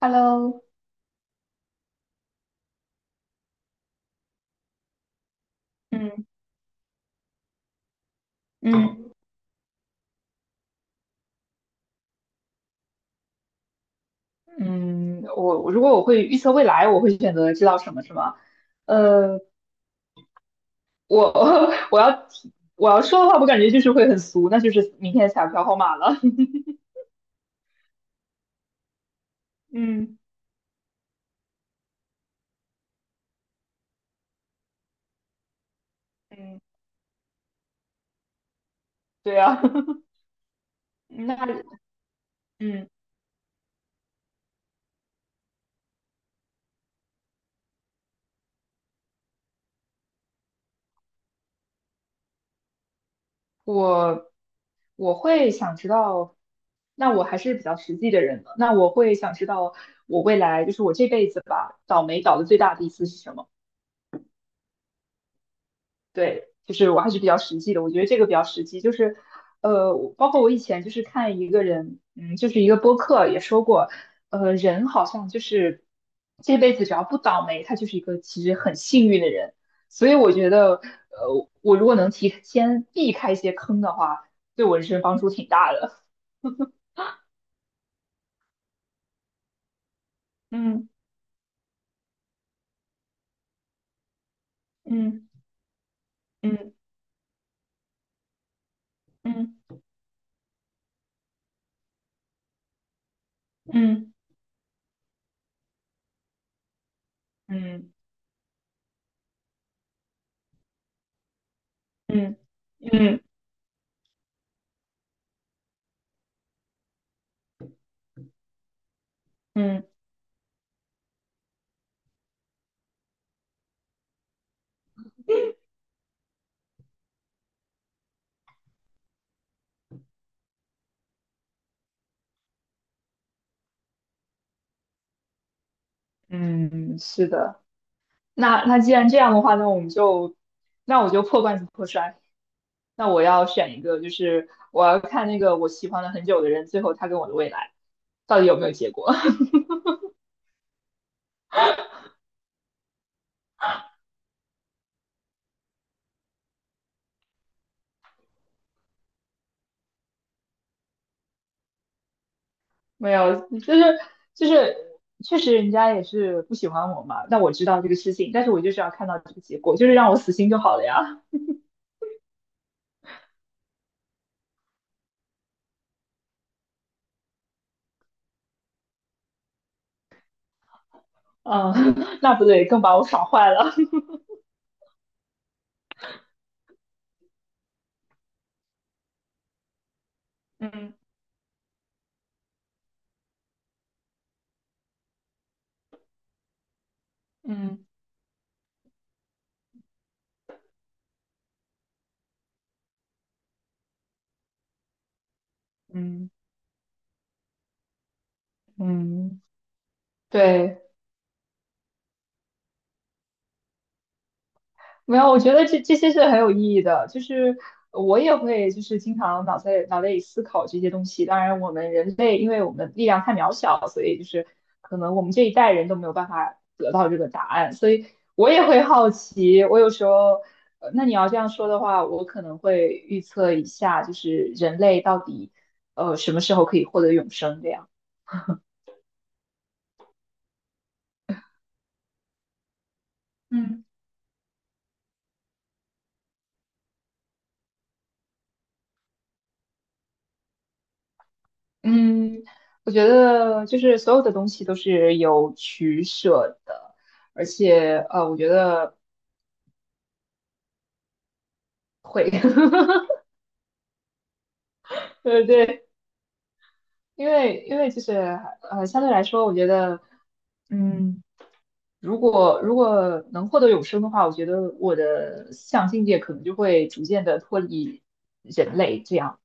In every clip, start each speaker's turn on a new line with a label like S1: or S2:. S1: Hello。嗯嗯嗯，说未来，选择知道什么是吗？呃，我 我要说的话，我感觉就是会很俗，那就是明天彩票号码了。嗯嗯，对啊。那嗯我我会想知道，那我还是比较实际的人的，那我会想知道我未来就是我这辈子吧，倒霉倒的最大的一次是什么？对，就是我还是比较实际的，我觉得这个比较实际，就是，我包括我以前就是看一个人，就是一个播客也说过。人好像就是这辈子只要不倒霉，他就是一个其实很幸运的人。所以我觉得，我如果能提前避开一些坑的话，对我人生帮助挺大的。嗯嗯嗯嗯嗯嗯嗯嗯嗯嗯嗯，是的。那既然这样的话，那我们就，那我就破罐子破摔。那我要选一个，就是我要看那个我喜欢了很久的人，最后他跟我的未来到底有没有结果？没有，就是确实人家也是不喜欢我嘛，那我知道这个事情，但是我就是要看到这个结果，就是让我死心就好了呀。嗯。那不对，更把我爽坏了。嗯嗯嗯嗯，对。没有，我觉得这些是很有意义的，就是我也会就是经常脑袋里思考这些东西。当然，我们人类因为我们力量太渺小，所以就是可能我们这一代人都没有办法得到这个答案，所以我也会好奇。我有时候。那你要这样说的话，我可能会预测一下，就是人类到底什么时候可以获得永生这样。嗯。嗯，我觉得就是所有的东西都是有取舍的，而且我觉得会。对。因为就是，相对来说，我觉得，嗯，如果能获得永生的话，我觉得我的思想境界可能就会逐渐的脱离人类，这样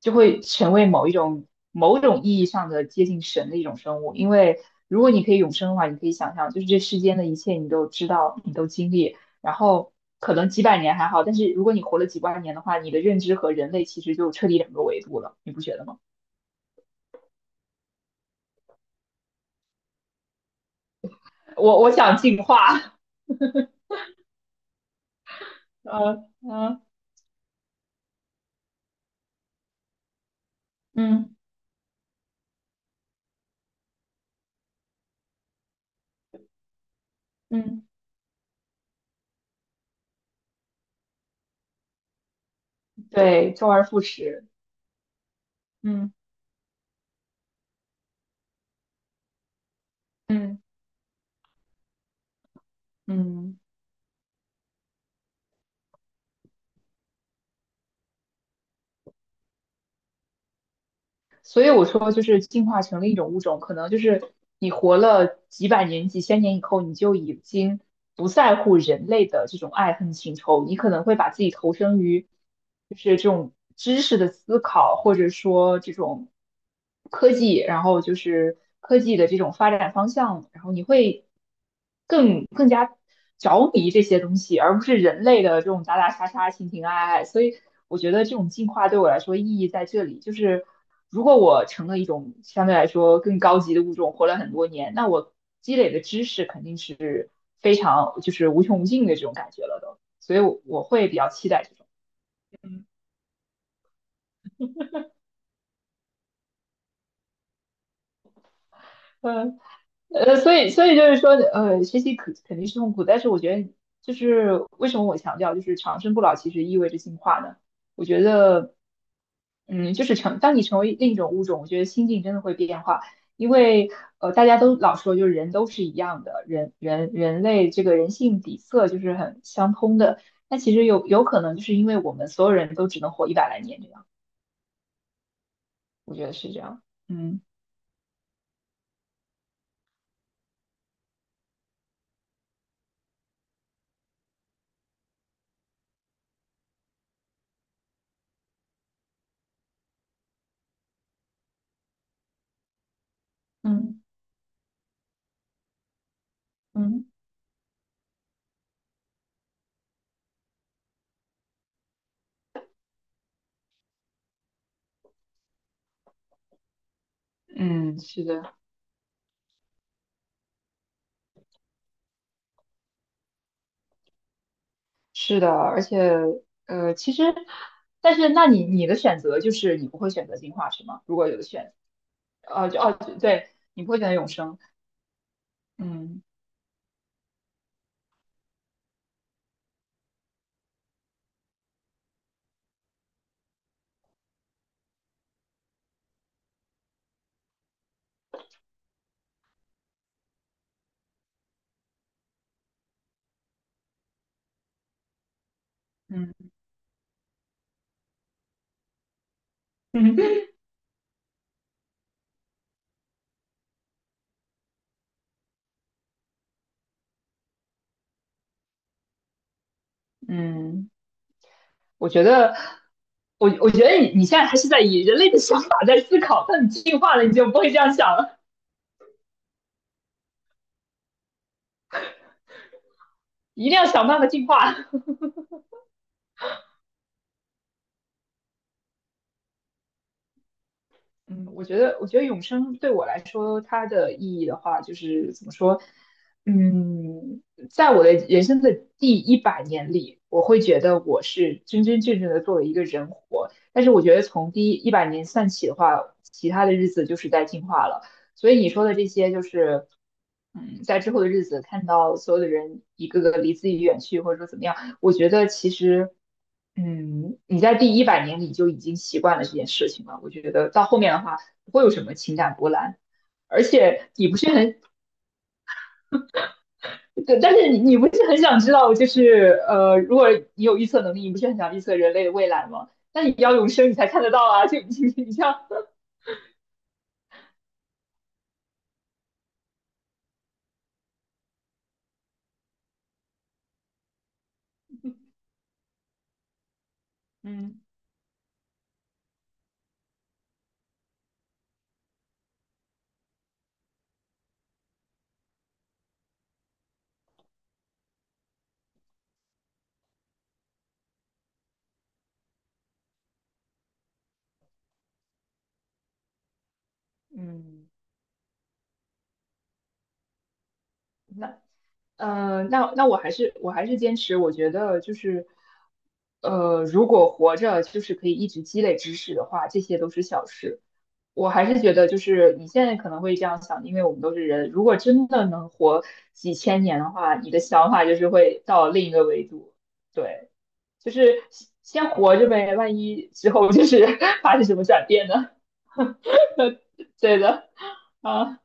S1: 就会成为某一种某种意义上的接近神的一种生物。因为如果你可以永生的话，你可以想象，就是这世间的一切你都知道，你都经历，然后可能几百年还好，但是如果你活了几万年的话，你的认知和人类其实就彻底两个维度了，你不觉得吗？我想进化。嗯嗯嗯嗯，对，周而复始。嗯嗯嗯，所以我说就是进化成另一种物种，可能就是你活了几百年、几千年以后，你就已经不在乎人类的这种爱恨情仇，你可能会把自己投身于就是这种知识的思考，或者说这种科技，然后就是科技的这种发展方向，然后你会。更加着迷这些东西，而不是人类的这种打打杀杀、情情爱爱。所以我觉得这种进化对我来说意义在这里，就是如果我成了一种相对来说更高级的物种，活了很多年，那我积累的知识肯定是非常就是无穷无尽的这种感觉了都。所以我会比较期待这种。嗯。所以就是说，学习肯定是痛苦，但是我觉得就是为什么我强调就是长生不老其实意味着进化呢？我觉得，就是当你成为另一种物种，我觉得心境真的会变化，因为大家都老说就是人都是一样的，人类这个人性底色就是很相通的，那其实有可能就是因为我们所有人都只能活一百来年这样，我觉得是这样。嗯嗯嗯。嗯，是的。是的，而且其实，但是那你的选择就是你不会选择进化是吗？如果有的选，就哦，对，你不会选择永生。嗯嗯。 嗯，我觉得，我觉得你你现在还是在以人类的想法在思考，但你进化了，你就不会这样想了，一定要想办法进化。嗯，我觉得永生对我来说，它的意义的话，就是怎么说？嗯，在我的人生的第一百年里，我会觉得我是真真正正的作为一个人活。但是我觉得从第一百年算起的话，其他的日子就是在进化了。所以你说的这些，就是嗯，在之后的日子看到所有的人一个个离自己远去，或者说怎么样。我觉得其实，嗯，你在第一百年里就已经习惯了这件事情了。我觉得到后面的话，不会有什么情感波澜，而且你不是很。对，但是你不是很想知道，就是如果你有预测能力，你不是很想预测人类的未来吗？那你要永生，你才看得到啊！就 你你像。嗯嗯。那那我还是坚持，我觉得就是。如果活着就是可以一直积累知识的话，这些都是小事。我还是觉得，就是你现在可能会这样想，因为我们都是人。如果真的能活几千年的话，你的想法就是会到另一个维度。对，就是先活着呗，万一之后就是 发生什么转变呢？对的。啊，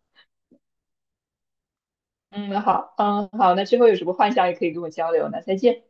S1: 嗯，好，嗯，好，那之后有什么幻想也可以跟我交流，那再见。